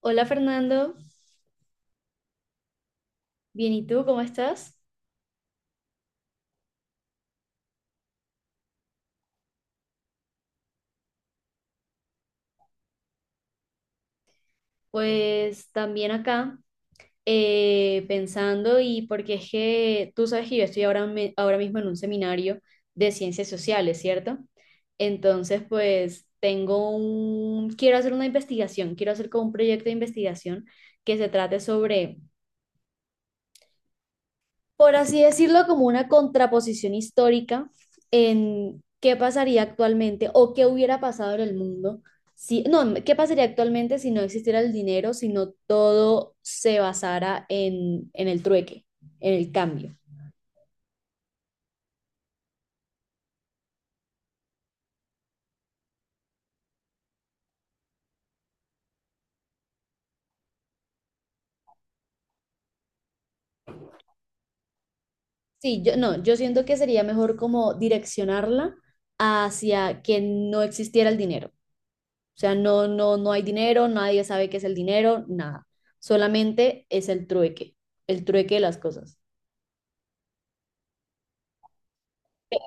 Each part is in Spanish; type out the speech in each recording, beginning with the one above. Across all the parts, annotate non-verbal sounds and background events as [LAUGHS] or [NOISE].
Hola Fernando, bien, ¿y tú cómo estás? Pues también acá pensando porque es que tú sabes que yo estoy ahora mismo en un seminario de ciencias sociales, ¿cierto? Entonces, pues quiero hacer una investigación, quiero hacer como un proyecto de investigación que se trate sobre, por así decirlo, como una contraposición histórica en qué pasaría actualmente o qué hubiera pasado en el mundo si, no, qué pasaría actualmente si no existiera el dinero, si no todo se basara en el trueque, en el cambio. Sí, yo no, yo siento que sería mejor como direccionarla hacia que no existiera el dinero. O sea, no, no, no hay dinero, nadie sabe qué es el dinero, nada. Solamente es el trueque de las cosas.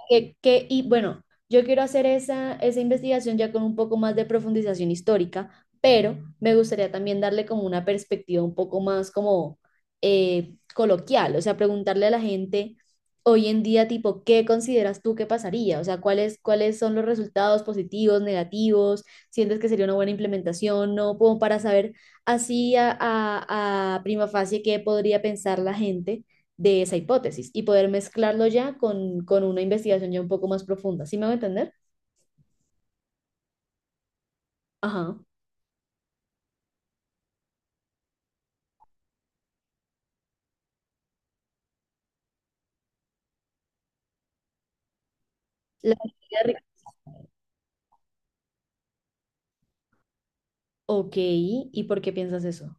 Y bueno, yo quiero hacer esa investigación ya con un poco más de profundización histórica, pero me gustaría también darle como una perspectiva un poco más como coloquial. O sea, preguntarle a la gente hoy en día, tipo, ¿qué consideras tú que pasaría? O sea, cuáles son los resultados positivos, negativos? ¿Sientes que sería una buena implementación? No, como para saber así a prima facie qué podría pensar la gente de esa hipótesis y poder mezclarlo ya con una investigación ya un poco más profunda. ¿Sí me va a entender? Ajá. La teoría de Ric- Ok, ¿y por qué piensas eso?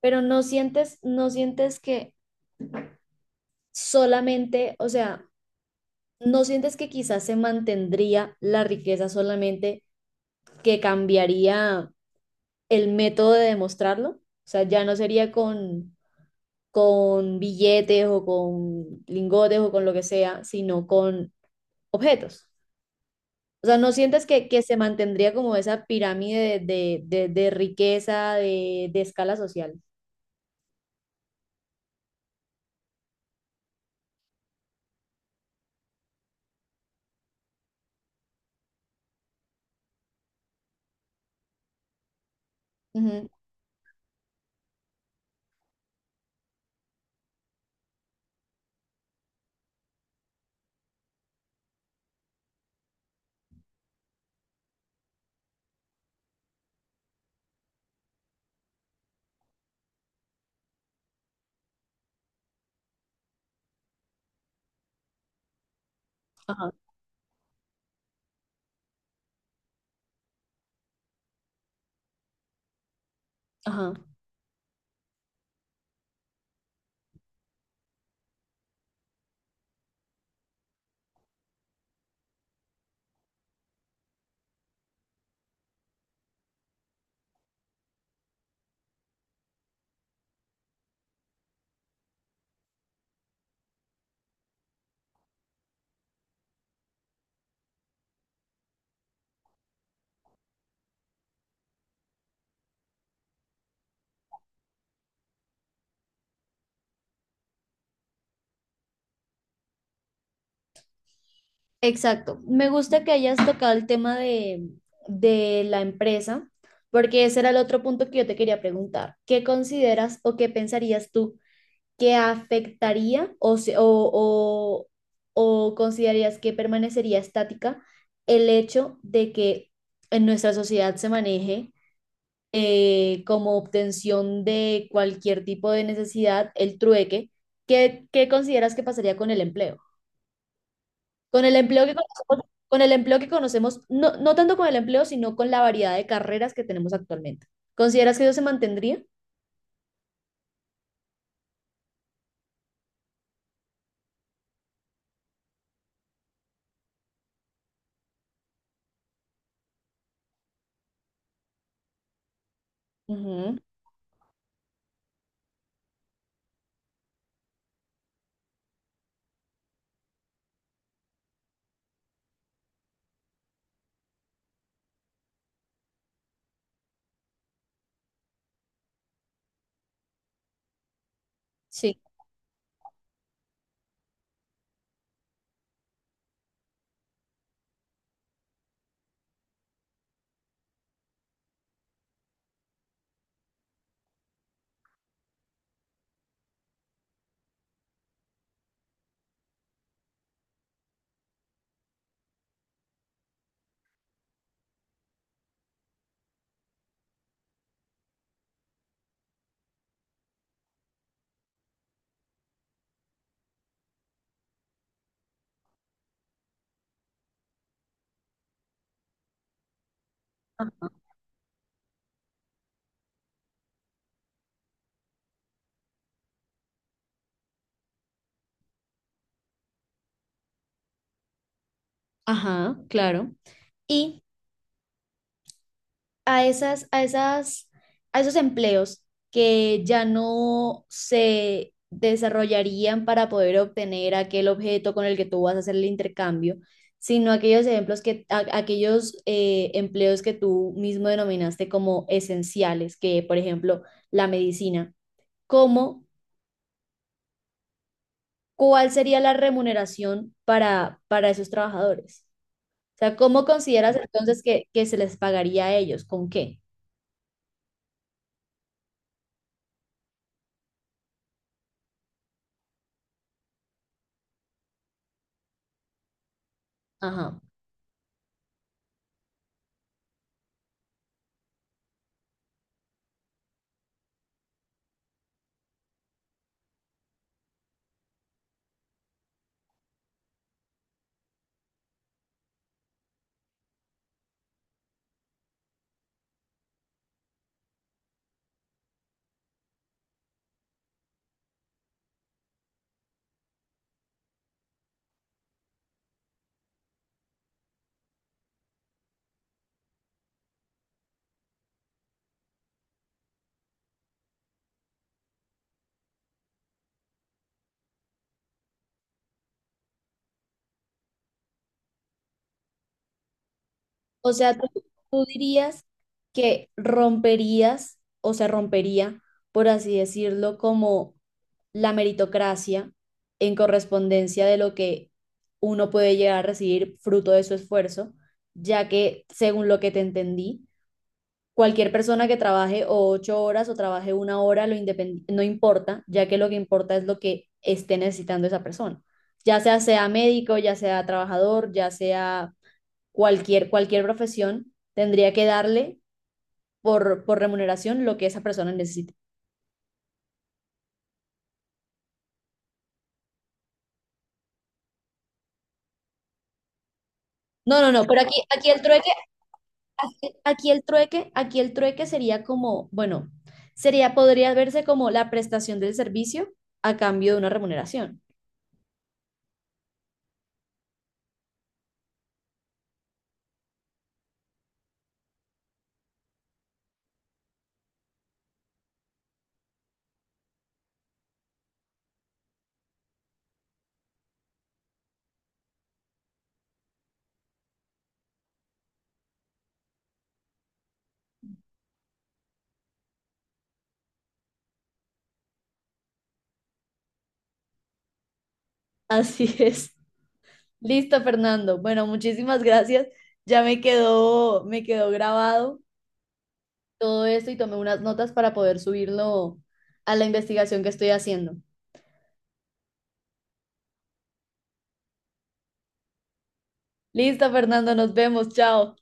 Pero no sientes, no sientes que solamente, o sea, no sientes que quizás se mantendría la riqueza, solamente que cambiaría el método de demostrarlo. O sea, ya no sería con billetes o con lingotes o con lo que sea, sino con objetos. O sea, ¿no sientes que se mantendría como esa pirámide de riqueza, de escala social? Ujú. Ajá, ajá. Exacto. Me gusta que hayas tocado el tema de la empresa, porque ese era el otro punto que yo te quería preguntar. ¿Qué consideras o qué pensarías tú que afectaría o considerarías que permanecería estática el hecho de que en nuestra sociedad se maneje, como obtención de cualquier tipo de necesidad, el trueque? ¿Qué, qué consideras que pasaría con el empleo? Con el empleo que conocemos, con el empleo que conocemos. No, no tanto con el empleo, sino con la variedad de carreras que tenemos actualmente. ¿Consideras que eso se mantendría? Ujú, sí. Ajá. Ajá, claro. Y a esas, a esas, a esos empleos que ya no se desarrollarían para poder obtener aquel objeto con el que tú vas a hacer el intercambio, sino aquellos ejemplos que, aquellos empleos que tú mismo denominaste como esenciales, que por ejemplo la medicina, ¿cómo, cuál sería la remuneración para esos trabajadores? O sea, ¿cómo consideras entonces que se les pagaría a ellos? ¿Con qué? Ajá. O sea, ¿tú, tú dirías que romperías o se rompería, por así decirlo, como la meritocracia en correspondencia de lo que uno puede llegar a recibir fruto de su esfuerzo, ya que, según lo que te entendí, cualquier persona que trabaje o ocho horas o trabaje una hora no importa, ya que lo que importa es lo que esté necesitando esa persona, ya sea sea médico, ya sea trabajador, ya sea cualquier, cualquier profesión, tendría que darle por remuneración lo que esa persona necesite. No, no, no, pero aquí el trueque sería como, bueno, sería, podría verse como la prestación del servicio a cambio de una remuneración. [LAUGHS] Así es. Listo, Fernando. Bueno, muchísimas gracias. Ya me quedó grabado todo esto y tomé unas notas para poder subirlo a la investigación que estoy haciendo. Listo, Fernando, nos vemos. Chao.